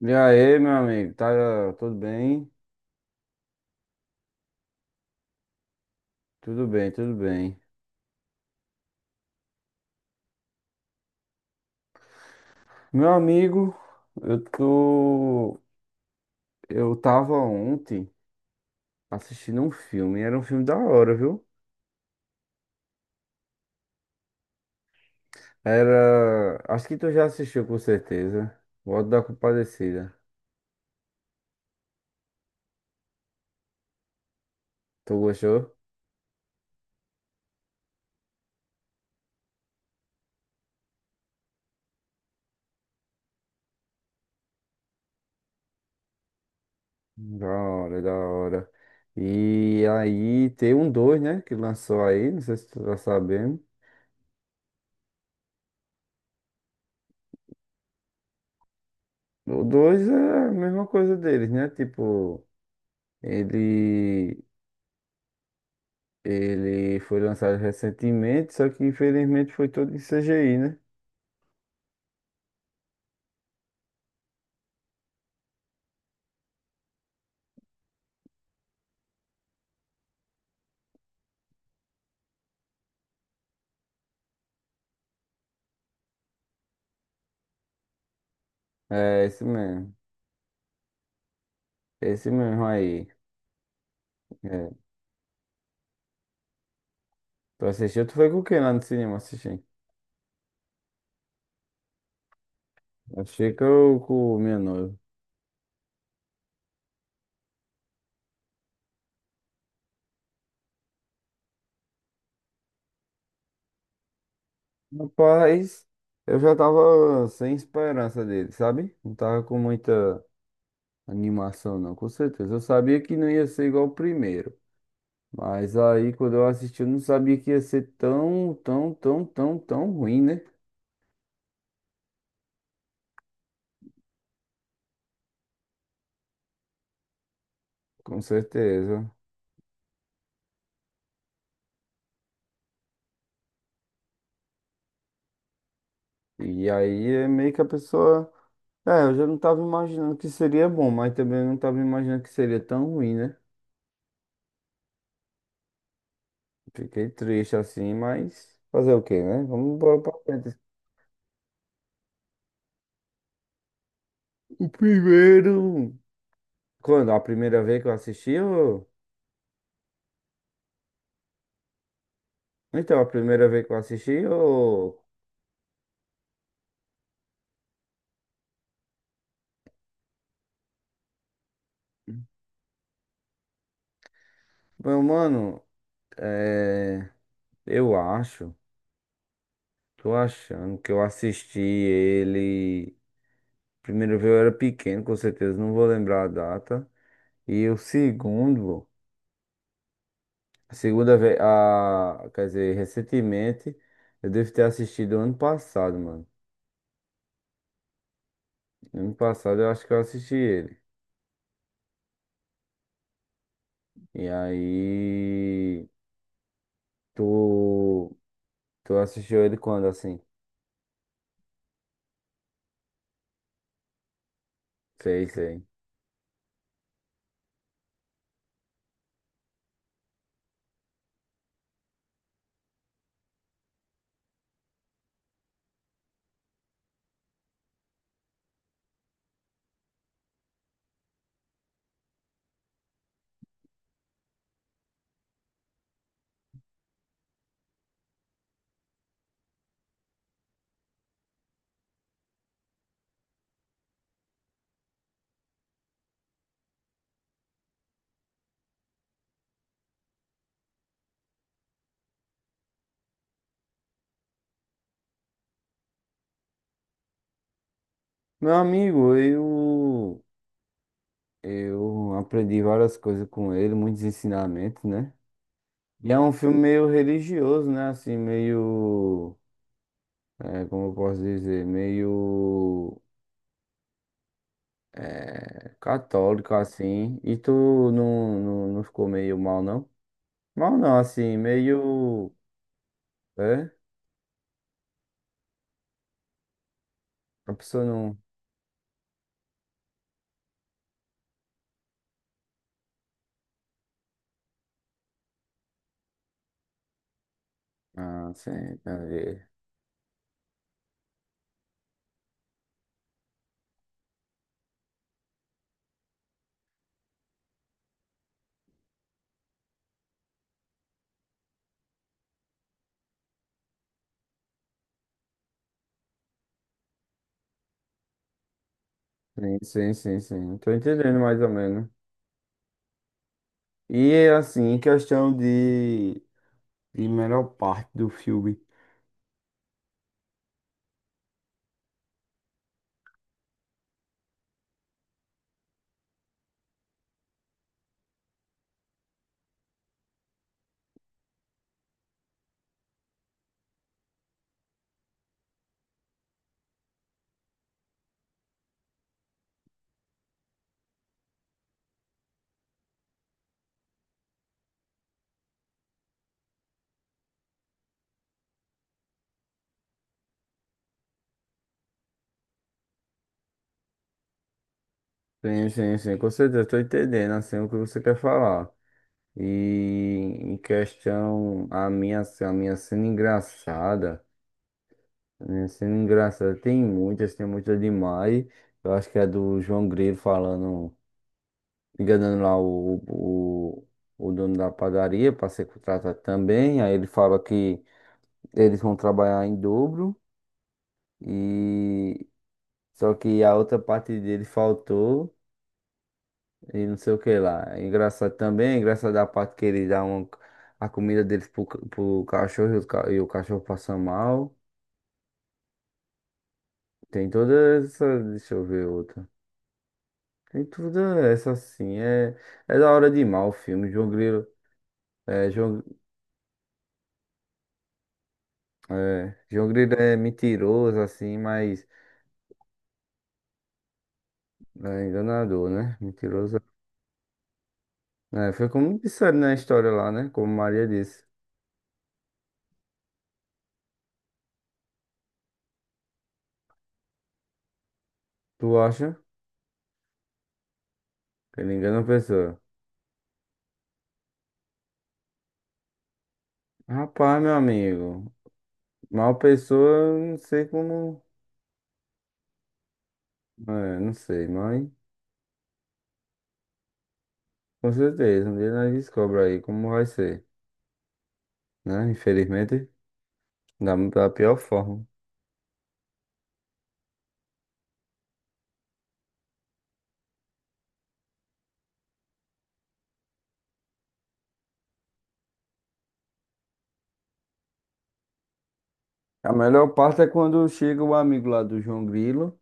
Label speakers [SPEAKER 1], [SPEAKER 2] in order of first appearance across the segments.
[SPEAKER 1] E aí, meu amigo? Tá tudo bem? Tudo bem, tudo bem. Meu amigo, eu tô. Eu tava ontem assistindo um filme. Era um filme da hora, viu? Era. Acho que tu já assistiu com certeza. O Auto da Compadecida. Tu gostou? Da hora, da hora. E aí tem um dois, né? Que lançou aí. Não sei se tu tá sabendo. O dois é a mesma coisa deles, né? Tipo, ele. Ele foi lançado recentemente, só que infelizmente foi todo em CGI, né? É, esse mesmo. Esse mesmo aí. É. Tu assistiu, tu foi com quem lá no cinema assistir? Achei que eu com o meu noivo. Rapaz, eu já tava sem esperança dele, sabe? Não tava com muita animação, não, com certeza. Eu sabia que não ia ser igual o primeiro. Mas aí, quando eu assisti, eu não sabia que ia ser tão, tão, tão, tão, tão ruim, né? Com certeza. E aí é meio que a pessoa. É, eu já não tava imaginando que seria bom, mas também não tava imaginando que seria tão ruim, né? Fiquei triste assim, mas fazer o quê, né? Vamos embora pra frente. O primeiro. Quando? A primeira vez que eu assisti, ou... Então, a primeira vez que eu assisti, ou... Meu mano, é... eu acho, tô achando que eu assisti ele. Primeiro vez eu era pequeno, com certeza não vou lembrar a data. E o segundo. A segunda vez, a, quer dizer, recentemente, eu devo ter assistido ano passado, mano. Ano passado eu acho que eu assisti ele. E aí, tu, tu assistiu ele quando, assim? Sei, sei. Meu amigo, eu aprendi várias coisas com ele, muitos ensinamentos, né? E é um filme meio religioso, né? Assim, meio, é, como eu posso dizer, meio é, católico, assim. E tu não, não, não ficou meio mal, não? Mal não, assim, meio. É? A pessoa não. Ah, sim, entendi. Sim, sim, sim, sim. Tô entendendo mais ou menos. E assim, em questão de melhor parte do filme. Sim, sim, sim, com certeza, tô entendendo, assim, o que você quer falar. E em questão, a minha cena engraçada. Né, sendo engraçado, tem muitas demais. Eu acho que é do João Grilo falando, enganando lá o dono da padaria para ser contratado também. Aí ele fala que eles vão trabalhar em dobro e só que a outra parte dele faltou e não sei o que lá. É engraçado também, é engraçado a parte que ele dá uma, a comida deles pro, pro cachorro e o, e o cachorro passa mal. Tem toda essa. Deixa eu ver outra. Tem tudo essa assim. É, é da hora demais o filme. João Grilo é, João, é, João Grilo é mentiroso, assim, mas é enganador, né? Mentiroso. É, foi como disseram na história lá, né? Como Maria disse. Tu acha que ele engana a pessoa? Rapaz, meu amigo. Mal pessoa, eu não sei como. É, não sei, mas com certeza. Um dia nós descobre aí como vai ser, né? Infelizmente, da pior forma. A melhor parte é quando chega o amigo lá do João Grilo,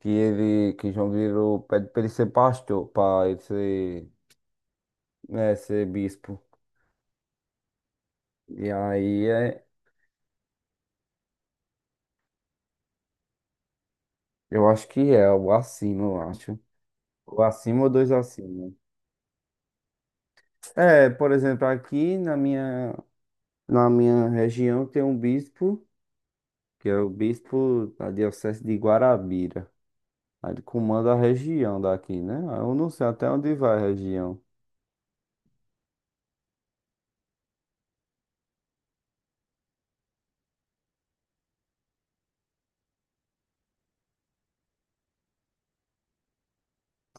[SPEAKER 1] que ele, que João Grilo pede pra ele ser pastor, pra ele ser, né, ser bispo. E aí é, eu acho que é o acima, eu acho. O acima ou dois acima. É, por exemplo, aqui na minha região tem um bispo, que é o bispo da Diocese de Guarabira. Aí ele comanda a região daqui, né? Aí eu não sei até onde vai a região.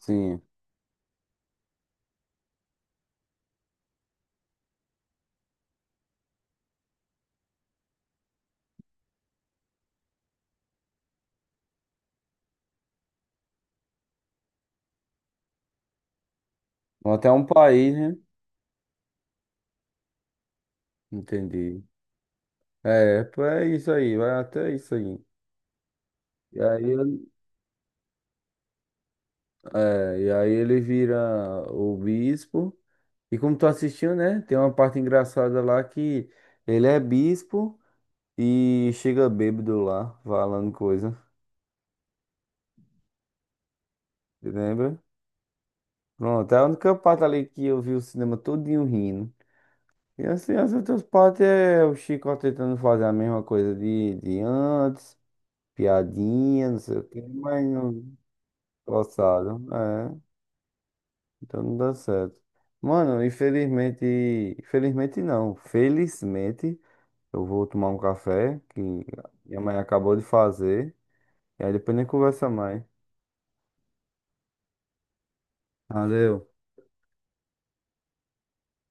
[SPEAKER 1] Sim, ou até um país, né? Entendi. É, pô, é isso aí, vai até isso aí. E aí, eu- É, e aí ele vira o bispo. E como tu assistiu, né? Tem uma parte engraçada lá que ele é bispo e chega bêbado lá, falando coisa. Você lembra? Pronto, é a única parte ali que eu vi o cinema todinho rindo. E assim, as outras partes é o Chico tentando fazer a mesma coisa de antes, piadinha, não sei o quê, mas não forçado. Então não dá certo. Mano, infelizmente. Infelizmente não. Felizmente, eu vou tomar um café que minha mãe acabou de fazer. E aí depois nem conversa mais. Valeu.